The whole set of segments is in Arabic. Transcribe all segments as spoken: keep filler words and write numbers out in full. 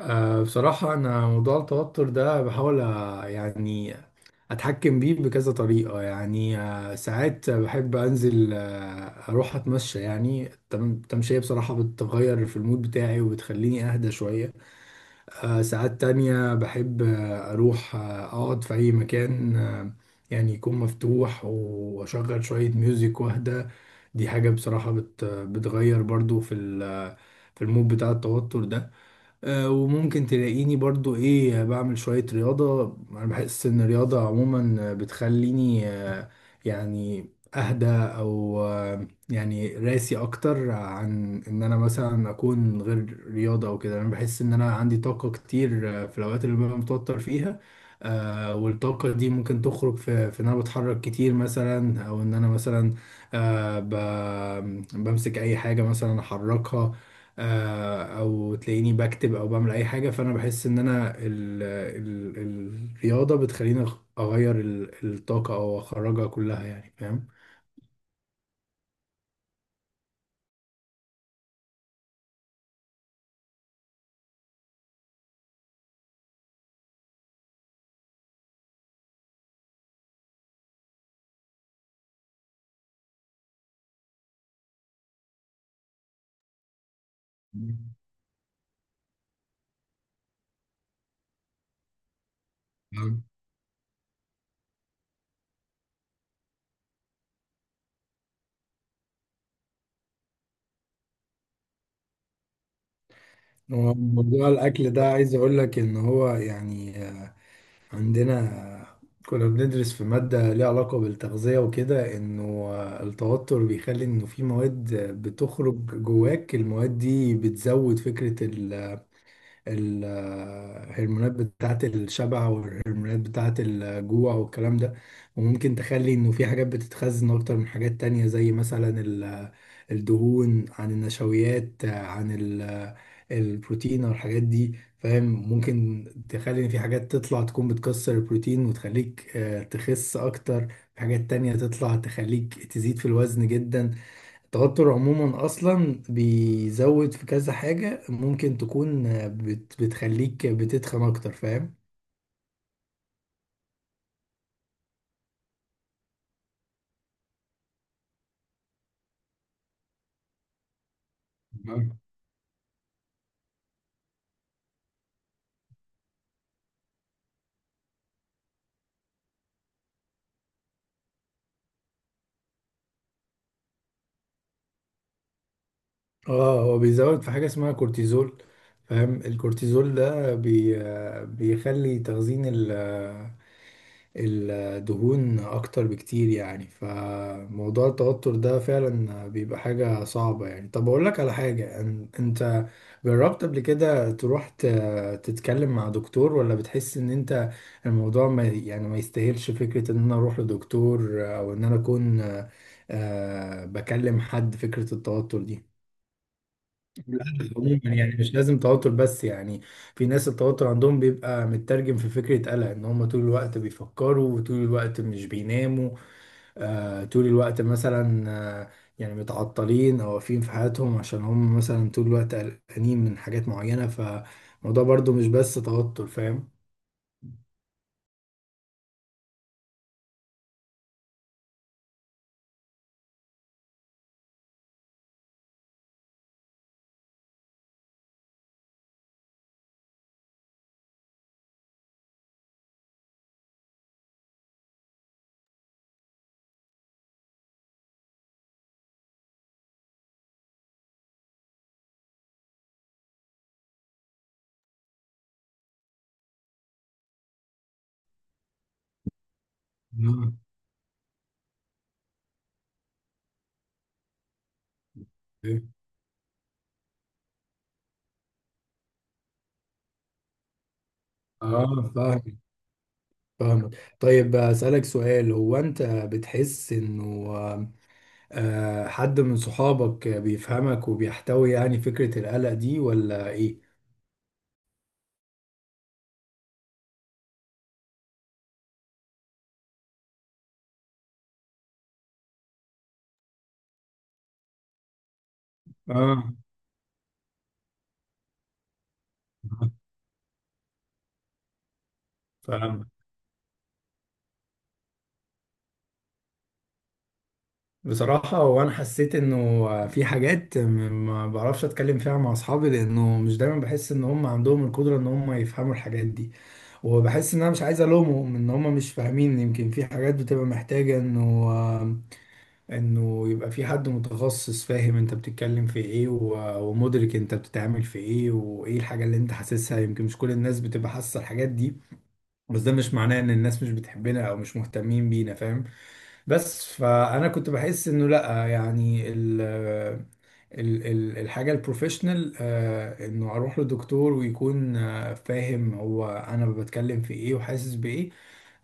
أه بصراحة أنا موضوع التوتر ده بحاول أ- يعني أتحكم بيه بكذا طريقة، يعني أه ساعات بحب أنزل، أه أروح أتمشى، يعني التم- التمشية بصراحة بتغير في المود بتاعي وبتخليني أهدى شوية. أه ساعات تانية بحب، آه، أروح، آه، أقعد في أي مكان أه يعني يكون مفتوح، وأشغل شوية ميوزك وأهدى. دي حاجة بصراحة بت بتغير برضو في ال- في المود بتاع التوتر ده. آه، وممكن تلاقيني برضو ايه بعمل شوية رياضة. انا بحس ان الرياضة عموما بتخليني، آه، يعني اهدى، او آه، يعني راسي اكتر، عن ان انا مثلا اكون غير رياضة او كده. انا بحس ان انا عندي طاقة كتير آه، في الاوقات اللي ببقى متوتر فيها. آه، والطاقة دي ممكن تخرج في, في ان انا بتحرك كتير مثلا، او ان انا مثلا آه، ب- بمسك اي حاجة مثلا احركها، آه، او تلاقيني بكتب او بعمل اي حاجه. فانا بحس ان انا ال ال ال الرياضه بتخليني أغ- اغير ال- الطاقه او اخرجها كلها، يعني فاهم. نعم. هو موضوع الأكل ده عايز أقول لك إن هو يعني عندنا، كنا بندرس في ماده ليها علاقه بالتغذيه وكده. انه آه، التوتر بيخلي انه في مواد بتخرج جواك. المواد دي بتزود فكره الهرمونات بتاعة الشبع والهرمونات بتاعة الجوع والكلام ده. وممكن تخلي انه في حاجات بتتخزن اكتر من حاجات تانية، زي مثلا ال- الدهون عن النشويات عن ال- البروتين او الحاجات دي، فاهم. ممكن تخلي ان في حاجات تطلع تكون بتكسر البروتين وتخليك آه، تخس اكتر. في حاجات تانية تطلع تخليك تزيد في الوزن جدا. التوتر عموما اصلا بيزود في كذا حاجة ممكن تكون بت بتخليك بتتخن اكتر، فاهم. آه. اه هو بيزود في حاجة اسمها كورتيزول، فاهم. الكورتيزول ده بي آه، بيخلي تخزين ال الدهون اكتر بكتير، يعني. فموضوع التوتر ده فعلا بيبقى حاجة صعبة، يعني. طب اقول لك على حاجة، أن- انت جربت قبل كده تروح ت- تتكلم مع دكتور، ولا بتحس ان انت الموضوع ما يعني ما يستاهلش فكرة ان انا اروح لدكتور، او ان انا اكون آه، بكلم حد فكرة التوتر دي. عموما يعني مش لازم توتر، بس يعني في ناس التوتر عندهم بيبقى مترجم في فكرة قلق ان هم طول الوقت بيفكروا وطول الوقت مش بيناموا. آه طول الوقت مثلا، آه يعني متعطلين او واقفين في حياتهم عشان هم مثلا طول الوقت قلقانين من حاجات معينة. فالموضوع برضو مش بس توتر، فاهم؟ آه. اه فاهم. فاهم. طيب اسالك سؤال، هو انت بتحس انه آه، حد من صحابك بيفهمك وبيحتوي يعني فكرة القلق دي، ولا ايه؟ اه فاهم. بصراحة وانا حسيت انه في حاجات م- ما بعرفش اتكلم فيها مع اصحابي، لانه مش دايما بحس ان هم عندهم القدرة ان هم يفهموا الحاجات دي. وبحس ان انا مش عايز الومهم ان هم مش فاهمين. يمكن في حاجات بتبقى محتاجة انه انه يبقى في حد متخصص فاهم انت بتتكلم في ايه و- ومدرك انت بتتعامل في ايه وايه الحاجة اللي انت حاسسها. يمكن مش كل الناس بتبقى حاسة الحاجات دي، بس ده مش معناه ان الناس مش بتحبنا او مش مهتمين بينا، فاهم. بس فانا كنت بحس انه لا يعني ال ال ال الحاجه البروفيشنال، آه، انه اروح لدكتور ويكون آه، فاهم هو انا بتكلم في ايه وحاسس بايه،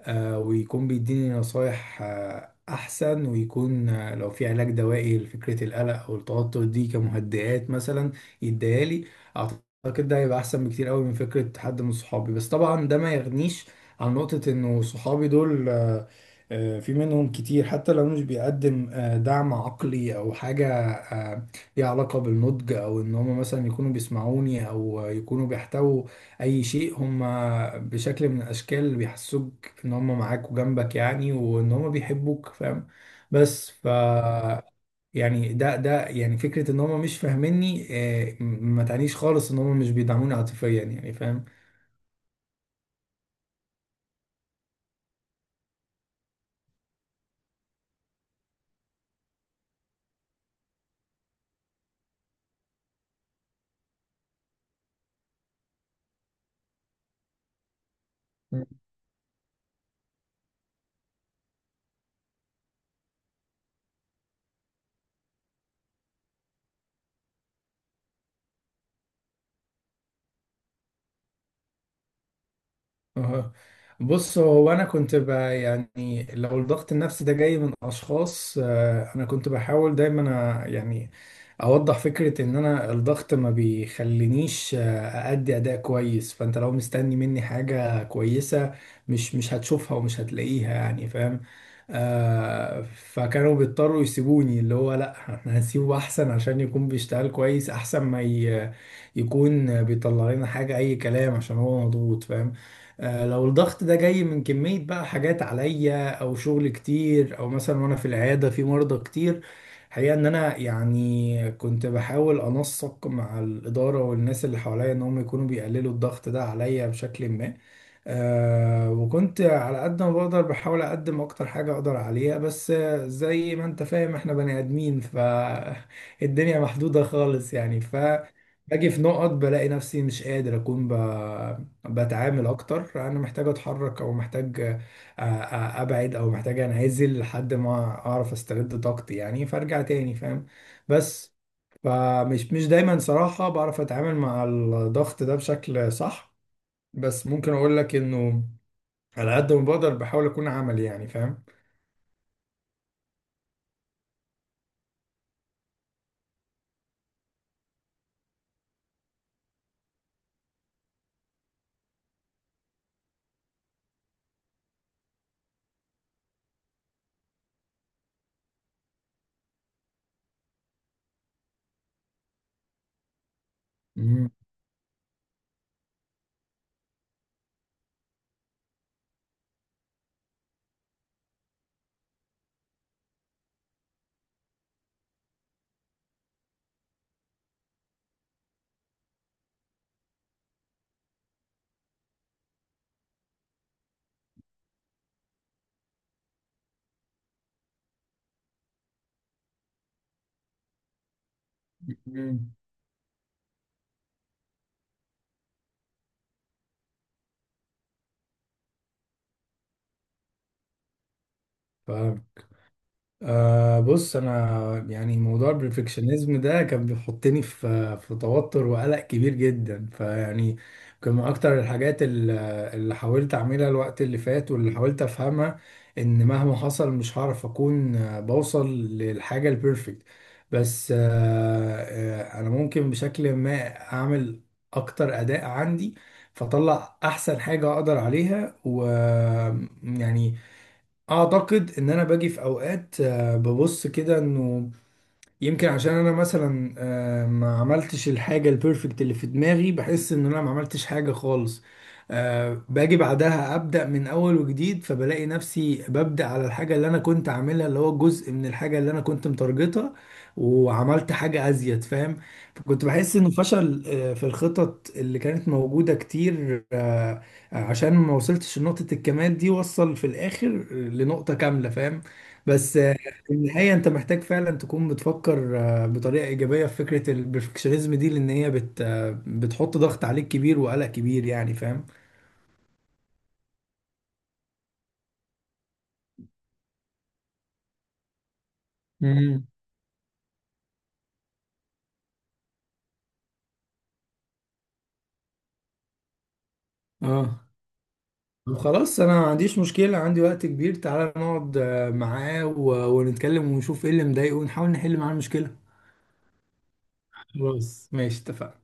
آه، ويكون بيديني نصايح آه، احسن، ويكون آه، لو في علاج دوائي لفكره القلق او التوتر دي، كمهدئات مثلا، يديها لي. اعتقد ده هيبقى احسن بكتير قوي من فكره حد من صحابي. بس طبعا ده ما يغنيش عن نقطه انه صحابي دول آه، آه، في منهم كتير، حتى لو مش بيقدم آه، دعم عقلي او حاجه آه، ليها علاقه بالنضج. او ان هم مثلا يكونوا بيسمعوني، او آه، يكونوا بيحتووا اي شيء. هم بشكل من الاشكال اللي بيحسوك ان هم معاك وجنبك، يعني وان هم بيحبوك، فاهم. بس ف يعني ده ده يعني فكره ان هم مش فاهميني آه، ما تعنيش خالص ان هم مش بيدعموني عاطفيا، يعني فاهم. أها. بص هو انا كنت ب- يعني لو الضغط النفسي ده جاي من اشخاص، آه، انا كنت بحاول دايما أ- يعني اوضح فكرة ان انا الضغط ما بيخلينيش آه، ادي اداء كويس. فانت لو مستني مني حاجة كويسة مش مش هتشوفها ومش هتلاقيها، يعني فاهم. آه فكانوا بيضطروا يسيبوني، اللي هو لا احنا هنسيبه احسن عشان يكون بيشتغل كويس، احسن ما ي- يكون بيطلع لنا حاجة اي كلام عشان هو مضغوط، فاهم. آه، لو الضغط ده جاي من كمية بقى حاجات عليا او شغل كتير، او مثلا وانا في العيادة في مرضى كتير، حقيقة ان انا يعني كنت بحاول انسق مع الادارة والناس اللي حواليا ان هم يكونوا بيقللوا الضغط ده عليا بشكل ما. آه وكنت على قد ما بقدر بحاول اقدم اكتر حاجة اقدر عليها، بس آه، زي ما انت فاهم احنا بني ادمين فالدنيا محدودة خالص، يعني. ف باجي في نقط بلاقي نفسي مش قادر اكون بتعامل اكتر. انا محتاج اتحرك او محتاج آه، آه، ابعد، او محتاج انعزل لحد ما اعرف استرد طاقتي، يعني فارجع تاني، فاهم. بس فمش مش دايما صراحة بعرف اتعامل مع الضغط ده بشكل صح. بس ممكن اقول لك انه على قد ما بقدر بحاول اكون عملي، يعني فاهم. مم. مم. أه بص انا يعني موضوع البرفكشنزم ده كان بيحطني في في توتر وقلق كبير جدا. فيعني كان من اكتر الحاجات ال- اللي حاولت اعملها الوقت اللي فات، واللي حاولت افهمها، ان مهما حصل مش هعرف اكون آه، بوصل للحاجة البرفكت. بس أه آه، انا ممكن بشكل ما اعمل اكتر اداء عندي، فاطلع احسن حاجة اقدر عليها، ويعني اعتقد ان انا باجي في اوقات آه، ببص كده انه يمكن عشان انا مثلا آه، ما عملتش الحاجه البيرفكت اللي في دماغي بحس ان انا ما عملتش حاجه خالص. آه، باجي بعدها ابدا من اول وجديد، فبلاقي نفسي ببدا على الحاجه اللي انا كنت عاملها، اللي هو جزء من الحاجه اللي انا كنت متارجتها، وعملت حاجه ازيد، فاهم. فكنت بحس انه فشل آه، في الخطط اللي كانت موجوده كتير آه، عشان ما وصلتش لنقطه الكمال دي، وصل في الاخر لنقطه كامله، فاهم. بس في النهاية أنت محتاج فعلا تكون بتفكر آه، بطريقة إيجابية في فكرة البرفكشنزم دي، لأن هي بت آه، بتحط ضغط عليك كبير وقلق كبير، يعني فاهم؟ امم اه. طب خلاص أنا ما عنديش مشكلة، عندي وقت كبير. تعالى نقعد آه، معاه و- ونتكلم ونشوف إيه اللي مضايقه، ونحاول نحل معاه المشكلة. خلاص ماشي اتفقنا.